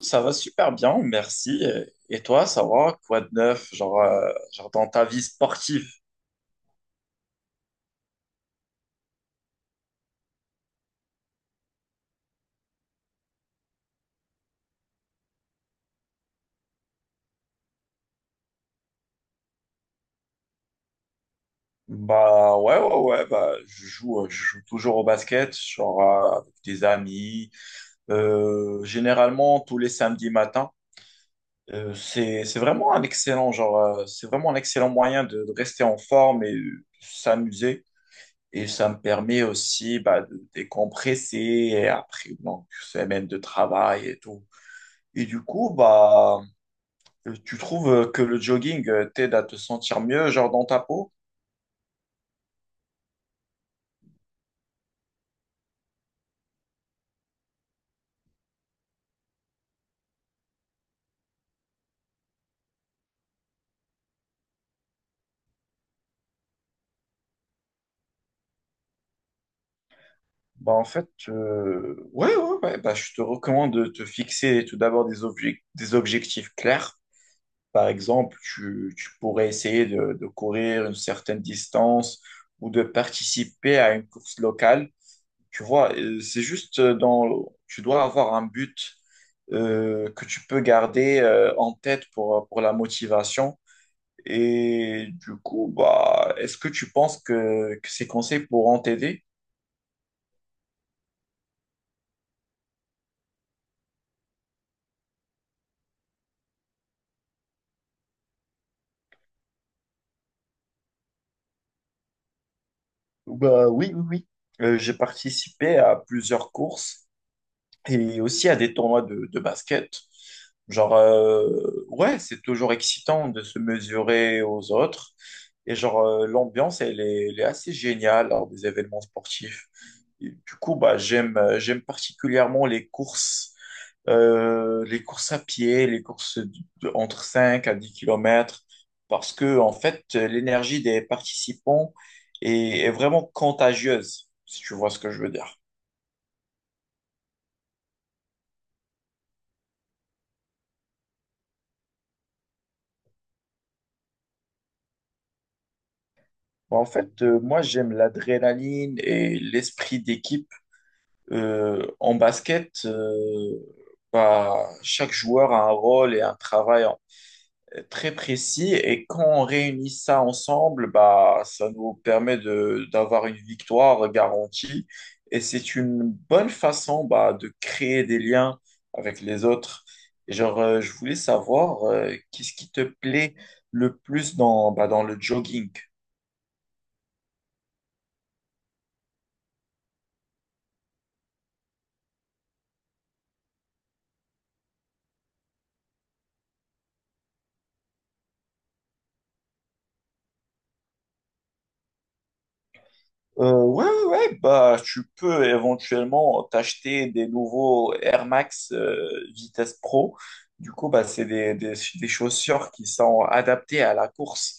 Ça va super bien, merci. Et toi, ça va? Quoi de neuf? Genre, dans ta vie sportive? Bah ouais, ouais, ouais, bah je joue toujours au basket, avec des amis, généralement tous les samedis matins. C'est vraiment un excellent, c'est vraiment un excellent moyen de rester en forme et s'amuser. Et ça me permet aussi bah, de décompresser et après une longue semaine de travail et tout. Et du coup, Tu trouves que le jogging t'aide à te sentir mieux, genre dans ta peau? Bah en fait, ouais, ouais, ouais, bah, je te recommande de te fixer tout d'abord des objectifs clairs. Par exemple, tu pourrais essayer de courir une certaine distance ou de participer à une course locale. Tu vois, c'est juste tu dois avoir un but que tu peux garder en tête pour la motivation. Et du coup, bah, est-ce que tu penses que ces conseils pourront t'aider? Bah, oui, oui, oui. J'ai participé à plusieurs courses et aussi à des tournois de basket. Genre, euh, ouais, c'est toujours excitant de se mesurer aux autres. Et genre, l'ambiance, elle est assez géniale lors des événements sportifs. Et du coup, bah, j'aime particulièrement les courses à pied, les courses de- entre 5 à 10 kilomètres, parce que, en fait, l'énergie des participants est vraiment contagieuse, si tu vois ce que je veux dire. Bah, en fait, moi, j'aime l'adrénaline et l'esprit d'équipe. En basket, bah, chaque joueur a un rôle et un travail très précis et quand on réunit ça ensemble, bah, ça nous permet de d'avoir une victoire garantie et c'est une bonne façon bah, de créer des liens avec les autres. Et genre, je voulais savoir qu'est-ce qui te plaît le plus dans, bah, dans le jogging. Ouais, ouais, ouais, bah, tu peux éventuellement t'acheter des nouveaux Air Max Vitesse Pro. Du coup, bah, des chaussures qui sont adaptées à la course.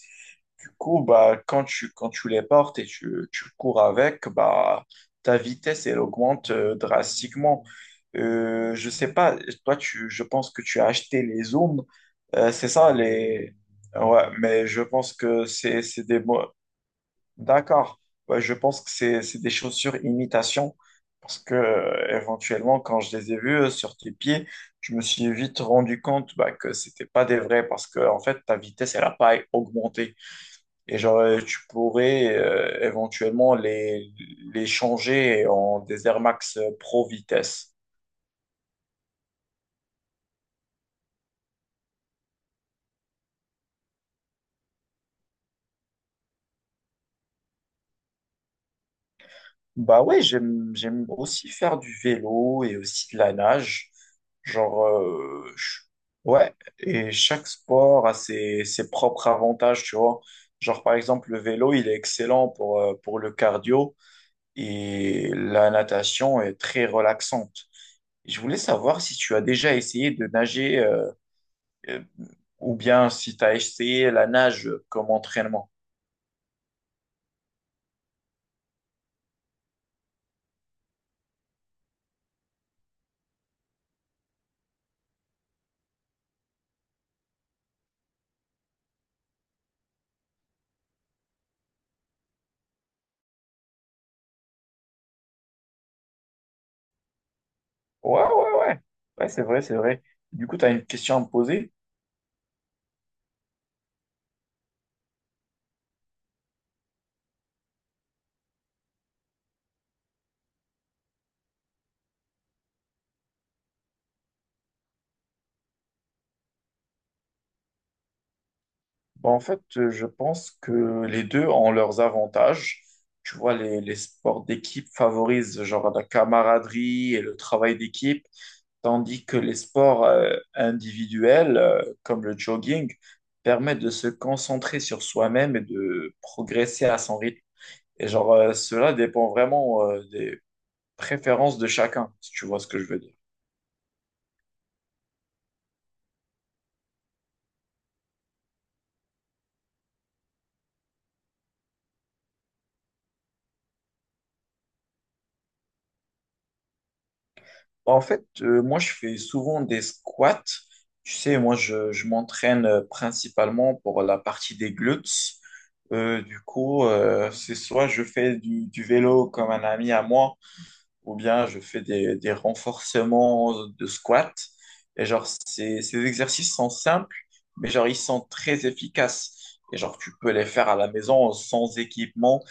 Du coup, bah, quand tu les portes et tu cours avec, bah, ta vitesse, elle augmente drastiquement. Je sais pas, je pense que tu as acheté les Zooms. C'est ça, les... Ouais, mais je pense que c'est des... mo- D'accord. Ouais, je pense que c'est des chaussures imitation parce que éventuellement quand je les ai vues sur tes pieds, je me suis vite rendu compte bah, que c'était pas des vrais parce que en fait ta vitesse elle a pas augmenté et genre tu pourrais éventuellement les changer en des Air Max Pro vitesse. Bah ouais, j'aime aussi faire du vélo et aussi de la nage. Genre euh, je- ouais, et chaque sport a ses propres avantages, tu vois. Genre par exemple le vélo, il est excellent pour le cardio et la natation est très relaxante. Je voulais savoir si tu as déjà essayé de nager euh, ou bien si tu as essayé la nage comme entraînement. Ouais, ouais, ouais. Ouais, c'est vrai, c'est vrai. Du coup, tu as une question à me poser? Bah, en fait, je pense que les deux ont leurs avantages. Tu vois, les sports d'équipe favorisent genre la camaraderie et le travail d'équipe, tandis que les sports individuels, comme le jogging, permettent de se concentrer sur soi-même et de progresser à son rythme. Et genre, cela dépend vraiment des préférences de chacun, si tu vois ce que je veux dire. En fait, moi, je fais souvent des squats. Tu sais, je m'entraîne principalement pour la partie des glutes. Du coup, c'est soit je fais du vélo comme un ami à moi, ou bien je fais des renforcements de squat. Et genre, ces exercices sont simples, mais genre, ils sont très efficaces. Et genre, tu peux les faire à la maison sans équipement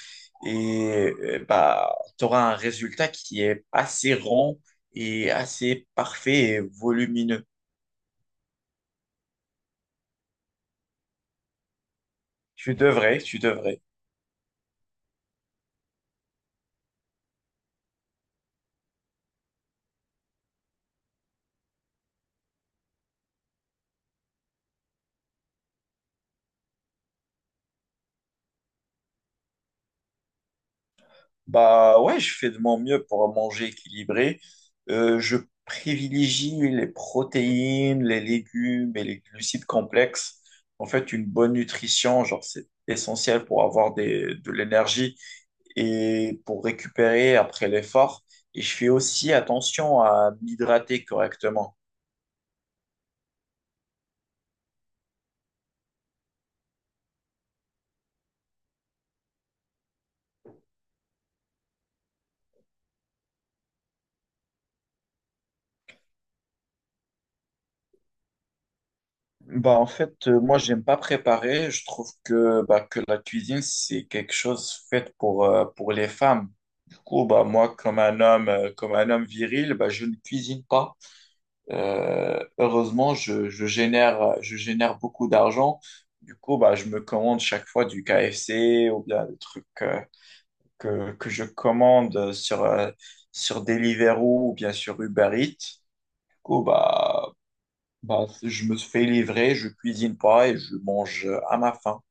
et bah, tu auras un résultat qui est assez rond et assez parfait et volumineux. Tu devrais, tu devrais. Bah ouais, je fais de mon mieux pour manger équilibré. Je privilégie les protéines, les légumes et les glucides complexes. En fait, une bonne nutrition, genre, c'est essentiel pour avoir de l'énergie et pour récupérer après l'effort. Et je fais aussi attention à m'hydrater correctement. Bah, en fait, moi, j'aime pas préparer. Je trouve que, bah, que la cuisine, c'est quelque chose fait pour les femmes. Du coup, bah, moi, comme un homme viril, bah, je ne cuisine pas. Heureusement, je génère beaucoup d'argent. Du coup, bah, je me commande chaque fois du KFC ou bien des trucs que je commande sur, sur Deliveroo ou bien sur Uber Eats. Du coup, bah, c'est- je me fais livrer, je cuisine pas et je mange à ma faim.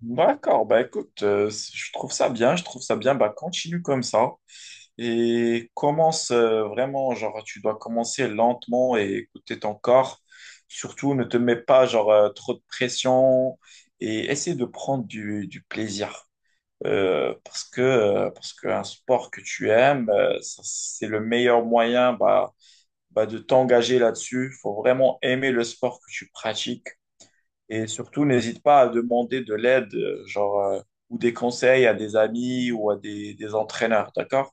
D'accord, bah écoute, je trouve ça bien, je trouve ça bien, bah continue comme ça et commence vraiment, genre tu dois commencer lentement et écouter ton corps. Surtout, ne te mets pas trop de pression et essaie de prendre du plaisir. Parce qu'un sport que tu aimes, ça, c'est le meilleur moyen bah, de t'engager là-dessus. Il faut vraiment aimer le sport que tu pratiques. Et surtout, n'hésite pas à demander de l'aide, ou des conseils à des amis ou à des entraîneurs, d'accord?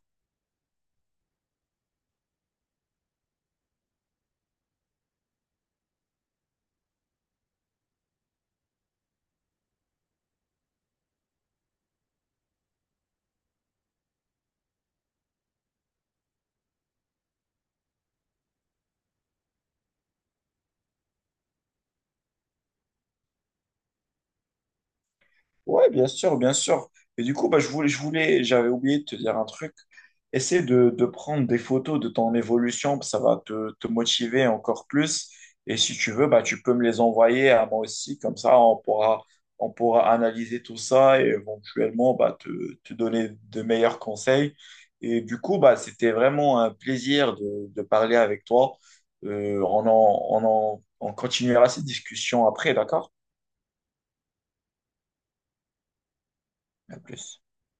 Ouais, bien sûr, bien sûr. Et du coup, bah, je voulais, j'avais oublié de te dire un truc. Essaie de prendre des photos de ton évolution, ça va te motiver encore plus. Et si tu veux, bah, tu peux me les envoyer à moi aussi, comme ça on pourra analyser tout ça et éventuellement te donner de meilleurs conseils. Et du coup, bah, c'était vraiment un plaisir de parler avec toi. On continuera cette discussion après, d'accord? À plus.